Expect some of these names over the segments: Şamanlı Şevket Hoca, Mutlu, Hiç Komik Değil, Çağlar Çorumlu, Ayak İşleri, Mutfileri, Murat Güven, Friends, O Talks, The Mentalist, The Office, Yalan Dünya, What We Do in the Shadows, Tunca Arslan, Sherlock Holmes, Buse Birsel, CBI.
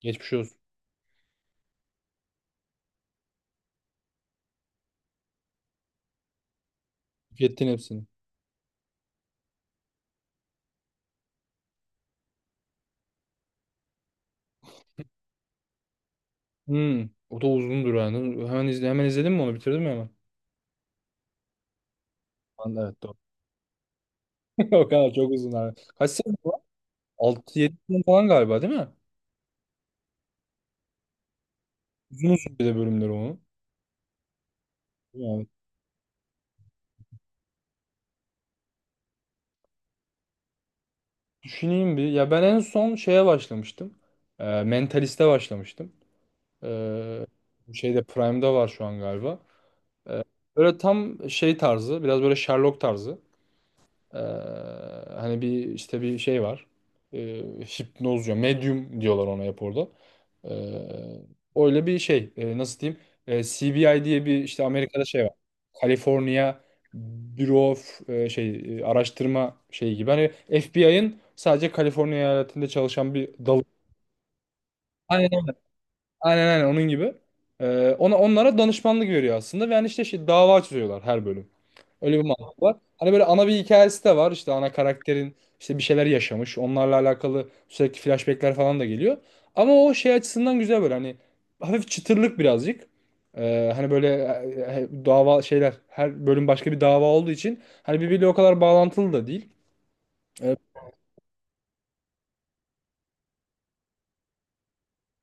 Geçmiş olsun. Tükettin hepsini. Hmm. O da uzundur yani. Hemen, izle, hemen izledin mi onu? Bitirdin mi hemen? Lan, evet, doğru. O kadar çok uzun abi. Kaç sezon var? 6-7 sezon falan galiba, değil mi? Uzun uzun bir de bölümleri onun. Yani düşüneyim bir. Ya ben en son şeye başlamıştım. Mentalist'e başlamıştım. Ee, bu şeyde Prime'da var şu an galiba. Ee, böyle tam şey tarzı. Biraz böyle Sherlock tarzı. Ee, hani bir işte bir şey var. Ee, hipnoz diyor. Medium diyorlar ona hep orada. Ee, öyle bir şey. Nasıl diyeyim? CBI diye bir işte Amerika'da şey var. California Bureau of şey araştırma şeyi gibi. Hani FBI'ın sadece Kaliforniya eyaletinde çalışan bir dalı. Aynen öyle. Aynen onun gibi. Ona onlara danışmanlık veriyor aslında ve yani işte şey, dava açıyorlar her bölüm. Öyle bir mantık var. Hani böyle ana bir hikayesi de var. İşte ana karakterin işte bir şeyler yaşamış. Onlarla alakalı sürekli flashbackler falan da geliyor. Ama o şey açısından güzel böyle, hani hafif çıtırlık birazcık. Hani böyle dava şeyler, her bölüm başka bir dava olduğu için hani birbiriyle o kadar bağlantılı da değil. Ee,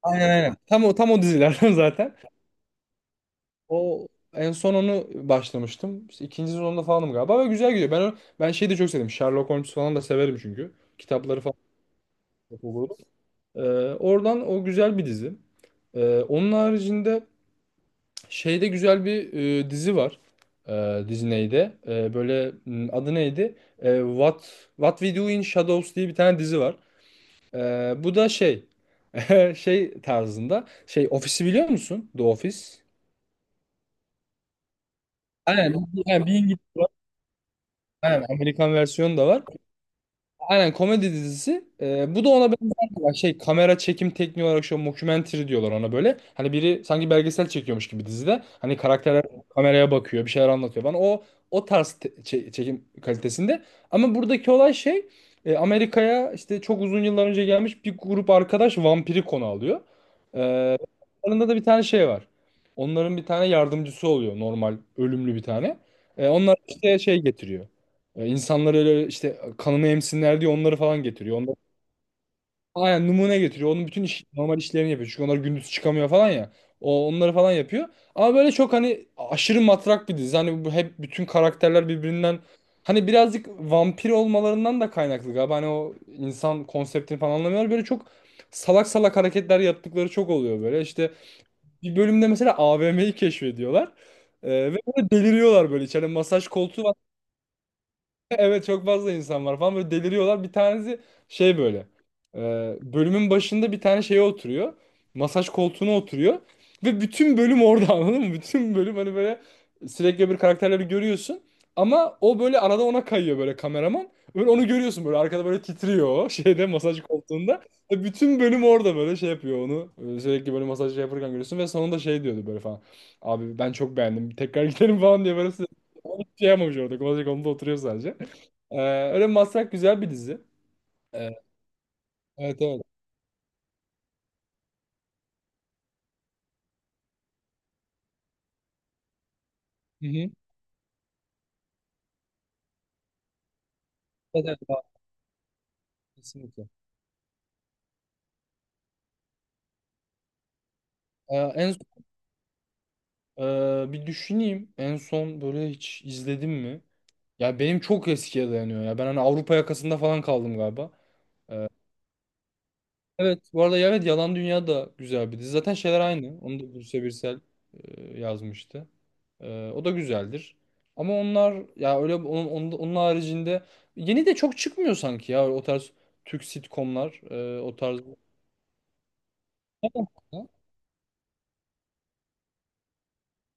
aynen. Tam o tam o dizilerden zaten. O en son onu başlamıştım. İşte ikinci sezonda falanım galiba ve güzel gidiyor. Ben şeyi de çok sevdim. Sherlock Holmes falan da severim çünkü. Kitapları falan. Ee, oradan o güzel bir dizi. Onun haricinde şeyde güzel bir dizi var. Disney'de. Böyle adı neydi? What We Do in Shadows diye bir tane dizi var. Bu da şey şey tarzında. Şey ofisi biliyor musun? The Office. Aynen. Yani bir İngiliz var. Aynen, Amerikan versiyonu da var. Aynen komedi dizisi. Bu da ona benzer bir şey kamera çekim tekniği olarak şu mockumentary diyorlar ona böyle. Hani biri sanki belgesel çekiyormuş gibi dizide. Hani karakterler kameraya bakıyor, bir şeyler anlatıyor falan. O tarz çekim kalitesinde. Ama buradaki olay şey Amerika'ya işte çok uzun yıllar önce gelmiş bir grup arkadaş vampiri konu alıyor. Ee, aralarında da bir tane şey var. Onların bir tane yardımcısı oluyor, normal ölümlü bir tane. Onlar işte şey getiriyor. E, insanlar öyle işte kanımı emsinler diye onları falan getiriyor. Onları, aynen numune getiriyor. Onun bütün iş, normal işlerini yapıyor. Çünkü onlar gündüz çıkamıyor falan ya. O onları falan yapıyor. Ama böyle çok hani aşırı matrak bir dizi. Hani bu hep bütün karakterler birbirinden, hani birazcık vampir olmalarından da kaynaklı galiba. Hani o insan konseptini falan anlamıyorlar. Böyle çok salak salak hareketler yaptıkları çok oluyor böyle. İşte bir bölümde mesela AVM'yi keşfediyorlar. E, ve böyle deliriyorlar böyle. İçeride masaj koltuğu var. Evet, çok fazla insan var falan, böyle deliriyorlar. Bir tanesi şey böyle e, bölümün başında bir tane şeye oturuyor. Masaj koltuğuna oturuyor. Ve bütün bölüm orada anladın mı? Bütün bölüm hani böyle sürekli bir karakterleri görüyorsun. Ama o böyle arada ona kayıyor böyle kameraman. Böyle onu görüyorsun böyle arkada böyle titriyor o şeyde, masaj koltuğunda. Ve bütün bölüm orada böyle şey yapıyor onu. Sürekli böyle masaj şey yaparken görüyorsun ve sonunda şey diyordu böyle falan. Abi ben çok beğendim, tekrar gidelim falan diye böyle. Hiçbir şey yapmamış, orada masaj koltuğunda oturuyor sadece. Ee, öyle Masrak güzel bir dizi. Ee, evet, evet. Hı hı. Evet, evet, abi, kesinlikle. Ee, en son- bir düşüneyim. En son böyle hiç izledim mi? Ya benim çok eskiye dayanıyor ya. Ben hani Avrupa yakasında falan kaldım galiba. Evet, bu arada evet, Yalan Dünya da güzel bir dizi. Zaten şeyler aynı. Onu da Buse Birsel yazmıştı. O da güzeldir. Ama onlar ya öyle onun haricinde yeni de çok çıkmıyor sanki ya, o tarz Türk sitcomlar o tarz.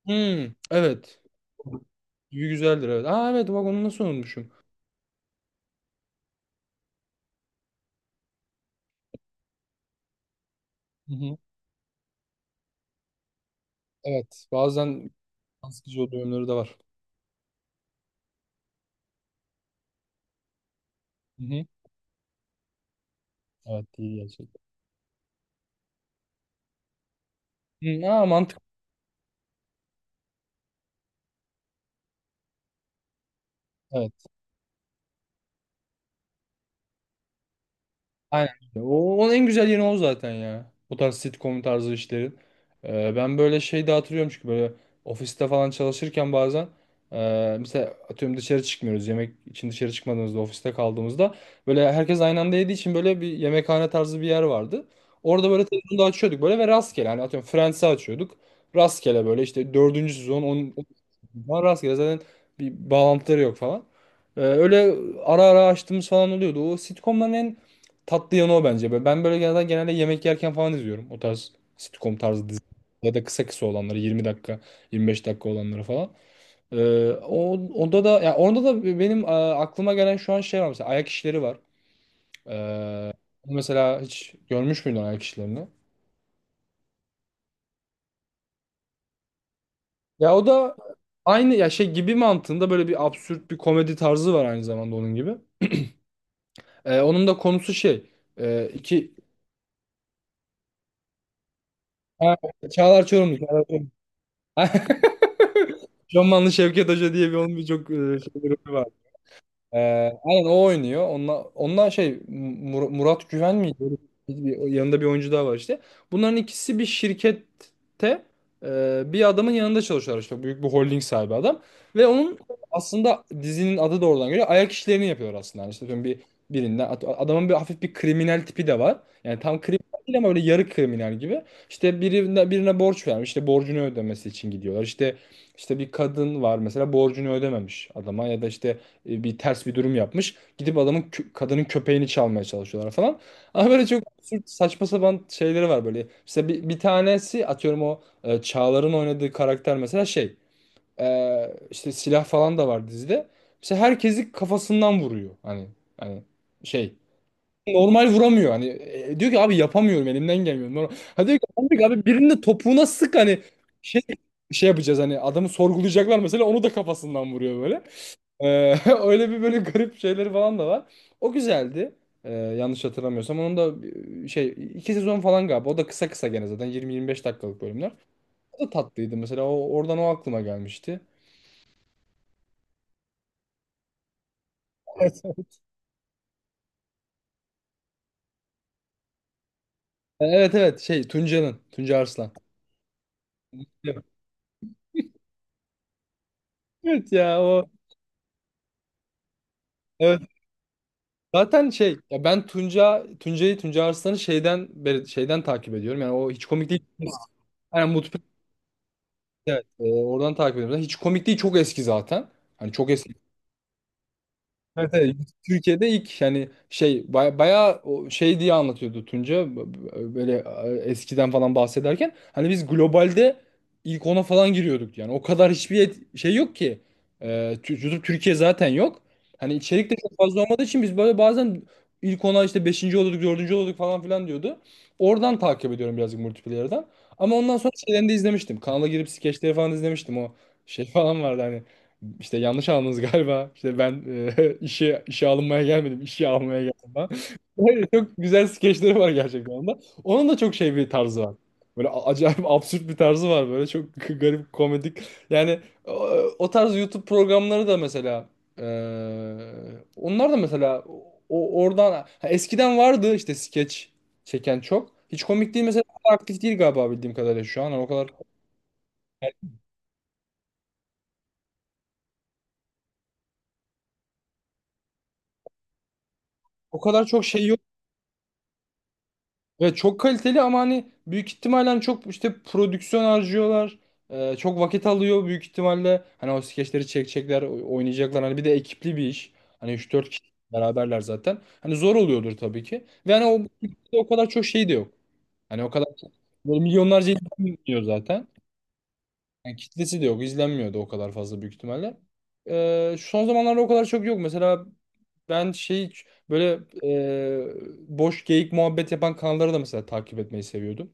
Hmm, evet. Gibi güzeldir, evet. Aa evet, bak onu nasıl unutmuşum. Hı hı. Evet, bazen can sıkıcı olduğu yönleri de var. Hı hı. Evet, iyi gerçekten. Hı, aa mantıklı. Aynen. Onun en güzel yeri o zaten ya. Bu tarz sitcom tarzı işlerin. Ben böyle şey de hatırlıyorum çünkü böyle ofiste falan çalışırken bazen mesela atıyorum, dışarı çıkmıyoruz. Yemek için dışarı çıkmadığımızda, ofiste kaldığımızda böyle herkes aynı anda yediği için böyle bir yemekhane tarzı bir yer vardı. Orada böyle televizyonu da açıyorduk böyle ve rastgele hani atıyorum Friends'i açıyorduk. Rastgele böyle işte dördüncü sezon on, on rastgele zaten, bir bağlantıları yok falan. Öyle ara ara açtığımız falan oluyordu. O sitcomların tatlı yanı o bence. Ben böyle genelde yemek yerken falan izliyorum. O tarz sitcom tarzı dizi. Ya da kısa kısa olanları, 20 dakika 25 dakika olanları falan. Onda da ya onda da benim aklıma gelen şu an şey var mesela, ayak işleri var. Mesela hiç görmüş müydün ayak işlerini? Ya o da aynı ya, şey gibi mantığında böyle bir absürt bir komedi tarzı var aynı zamanda onun gibi. Onun da konusu şey iki ha, Çağlar Çorumlu. Şamanlı Şevket Hoca diye bir, onun bir çok şey ee, aynen o oynuyor. Onunla şey Murat Güven miydi? Öyle yanında bir oyuncu daha var işte. Bunların ikisi bir şirkette bir adamın yanında çalışıyorlar işte. Büyük bir holding sahibi adam. Ve onun aslında dizinin adı da oradan geliyor. Ayak işlerini yapıyor aslında. Yani işte atıyorum bir adamın bir hafif bir kriminal tipi de var. Yani tam kriminal değil ama öyle yarı kriminal gibi. İşte birine borç vermiş. İşte borcunu ödemesi için gidiyorlar. İşte bir kadın var mesela, borcunu ödememiş adama ya da işte bir ters bir durum yapmış. Gidip adamın kadının köpeğini çalmaya çalışıyorlar falan. Ama böyle çok absürt, saçma sapan şeyleri var böyle. İşte bir tanesi atıyorum o Çağlar'ın oynadığı karakter mesela şey işte silah falan da var dizide. Mesela herkesi kafasından vuruyor. Hani şey normal vuramıyor. Hani diyor ki, "Abi yapamıyorum, elimden gelmiyor. Normal." Ha diyor ki, "Amcık abi birinin de topuğuna sık, hani şey şey yapacağız, hani adamı sorgulayacaklar" mesela, onu da kafasından vuruyor böyle. Ee, öyle bir böyle garip şeyleri falan da var. O güzeldi. Yanlış hatırlamıyorsam, onun da şey iki sezon falan galiba. O da kısa kısa gene zaten 20-25 dakikalık bölümler. O da tatlıydı mesela. Oradan o aklıma gelmişti. Evet evet. Şey Tunca'nın. Tunca Arslan. Evet. Evet ya o. Evet. Zaten şey ya, ben Tunca Tunca'yı Tunca Arslan'ı şeyden beri şeyden takip ediyorum. Yani O Hiç Komik Değil. Yani Mutlu. Evet, oradan takip ediyorum. Zaten Hiç Komik Değil çok eski zaten. Hani çok eski. Evet, evet. Türkiye'de ilk yani şey bayağı o şey diye anlatıyordu Tunca, böyle eskiden falan bahsederken, hani biz globalde ilk ona falan giriyorduk. Yani o kadar hiçbir şey yok ki. Ee, YouTube Türkiye zaten yok, hani içerik de çok fazla olmadığı için biz böyle bazen ilk ona işte beşinci oluyorduk, dördüncü oluyorduk falan filan diyordu. Oradan takip ediyorum birazcık, multiplayer'dan. Ama ondan sonra şeylerini de izlemiştim, kanala girip skeçleri falan izlemiştim. O şey falan vardı hani. İşte yanlış anladınız galiba. İşte ben işe alınmaya gelmedim, işe almaya geldim ben. Böyle çok güzel skeçleri var gerçekten onda. Onun da çok şey bir tarzı var. Böyle acayip absürt bir tarzı var böyle çok garip komedik. Yani o, o tarz YouTube programları da mesela e, onlar da mesela oradan ha, eskiden vardı işte skeç çeken çok. Hiç Komik Değil mesela, aktif değil galiba bildiğim kadarıyla şu an. Yani o kadar, yani o kadar çok şey. Ve çok kaliteli ama hani büyük ihtimalle, hani çok işte prodüksiyon harcıyorlar. Çok vakit alıyor büyük ihtimalle. Hani o skeçleri çekecekler, oynayacaklar. Hani bir de ekipli bir iş. Hani üç dört kişi beraberler zaten. Hani zor oluyordur tabii ki. Ve hani o, o kadar çok şey de yok. Hani o kadar böyle milyonlarca izlenmiyor zaten. Yani kitlesi de yok, izlenmiyor da o kadar fazla büyük ihtimalle. Son zamanlarda o kadar çok yok. Mesela ben şey böyle boş geyik muhabbet yapan kanalları da mesela takip etmeyi seviyordum.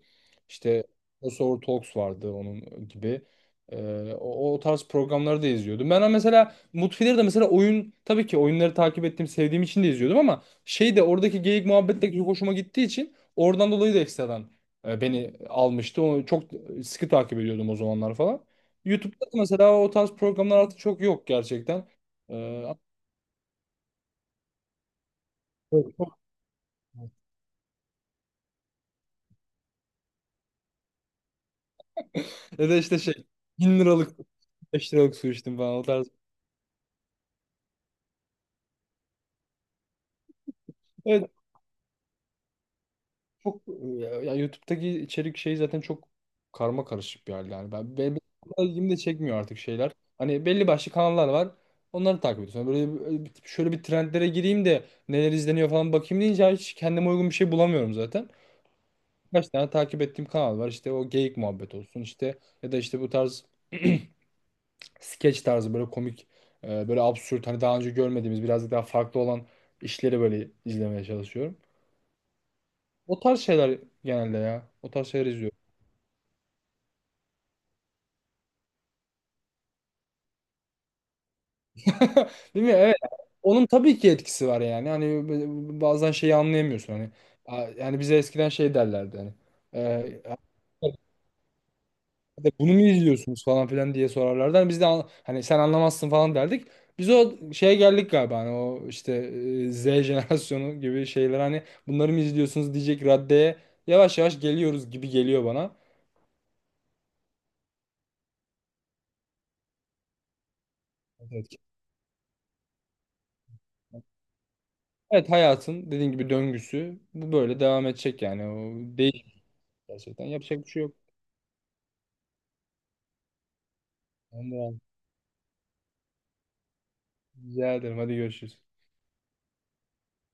İşte O Talks vardı, onun gibi. E, o tarz programları da izliyordum. Ben mesela Mutfileri de mesela, oyun tabii ki, oyunları takip ettiğim, sevdiğim için de izliyordum ama şey de oradaki geyik muhabbet de çok hoşuma gittiği için oradan dolayı da ekstradan beni almıştı. Onu çok sıkı takip ediyordum o zamanlar falan. YouTube'da da mesela o tarz programlar artık çok yok gerçekten. E, ya da işte şey 1000 liralık, 5 liralık su içtim falan, o tarz. Evet, çok ya, ya YouTube'daki içerik şey zaten çok karma karışık bir hal yani. Benim ilgimi de çekmiyor artık şeyler. Hani belli başlı kanallar var. Onları takip ediyorsun. Hani şöyle bir trendlere gireyim de neler izleniyor falan bakayım deyince hiç kendime uygun bir şey bulamıyorum zaten. Kaç tane takip ettiğim kanal var. İşte o geyik muhabbet olsun, işte ya da işte bu tarz skeç tarzı, böyle komik böyle absürt, hani daha önce görmediğimiz birazcık daha farklı olan işleri böyle izlemeye çalışıyorum. O tarz şeyler genelde ya. O tarz şeyler izliyorum. Değil mi? Evet. Onun tabii ki etkisi var yani. Hani bazen şeyi anlayamıyorsun hani. Yani bize eskiden şey derlerdi hani. E, de bunu mu izliyorsunuz falan filan diye sorarlardı. Hani biz de hani sen anlamazsın falan derdik. Biz o şeye geldik galiba, hani o işte Z jenerasyonu gibi şeyler, hani bunları mı izliyorsunuz diyecek raddeye yavaş yavaş geliyoruz gibi geliyor bana. Evet. Evet, hayatın dediğin gibi döngüsü bu, böyle devam edecek yani o değişik, gerçekten yapacak bir şey yok. Tamam, güzel ederim, hadi görüşürüz.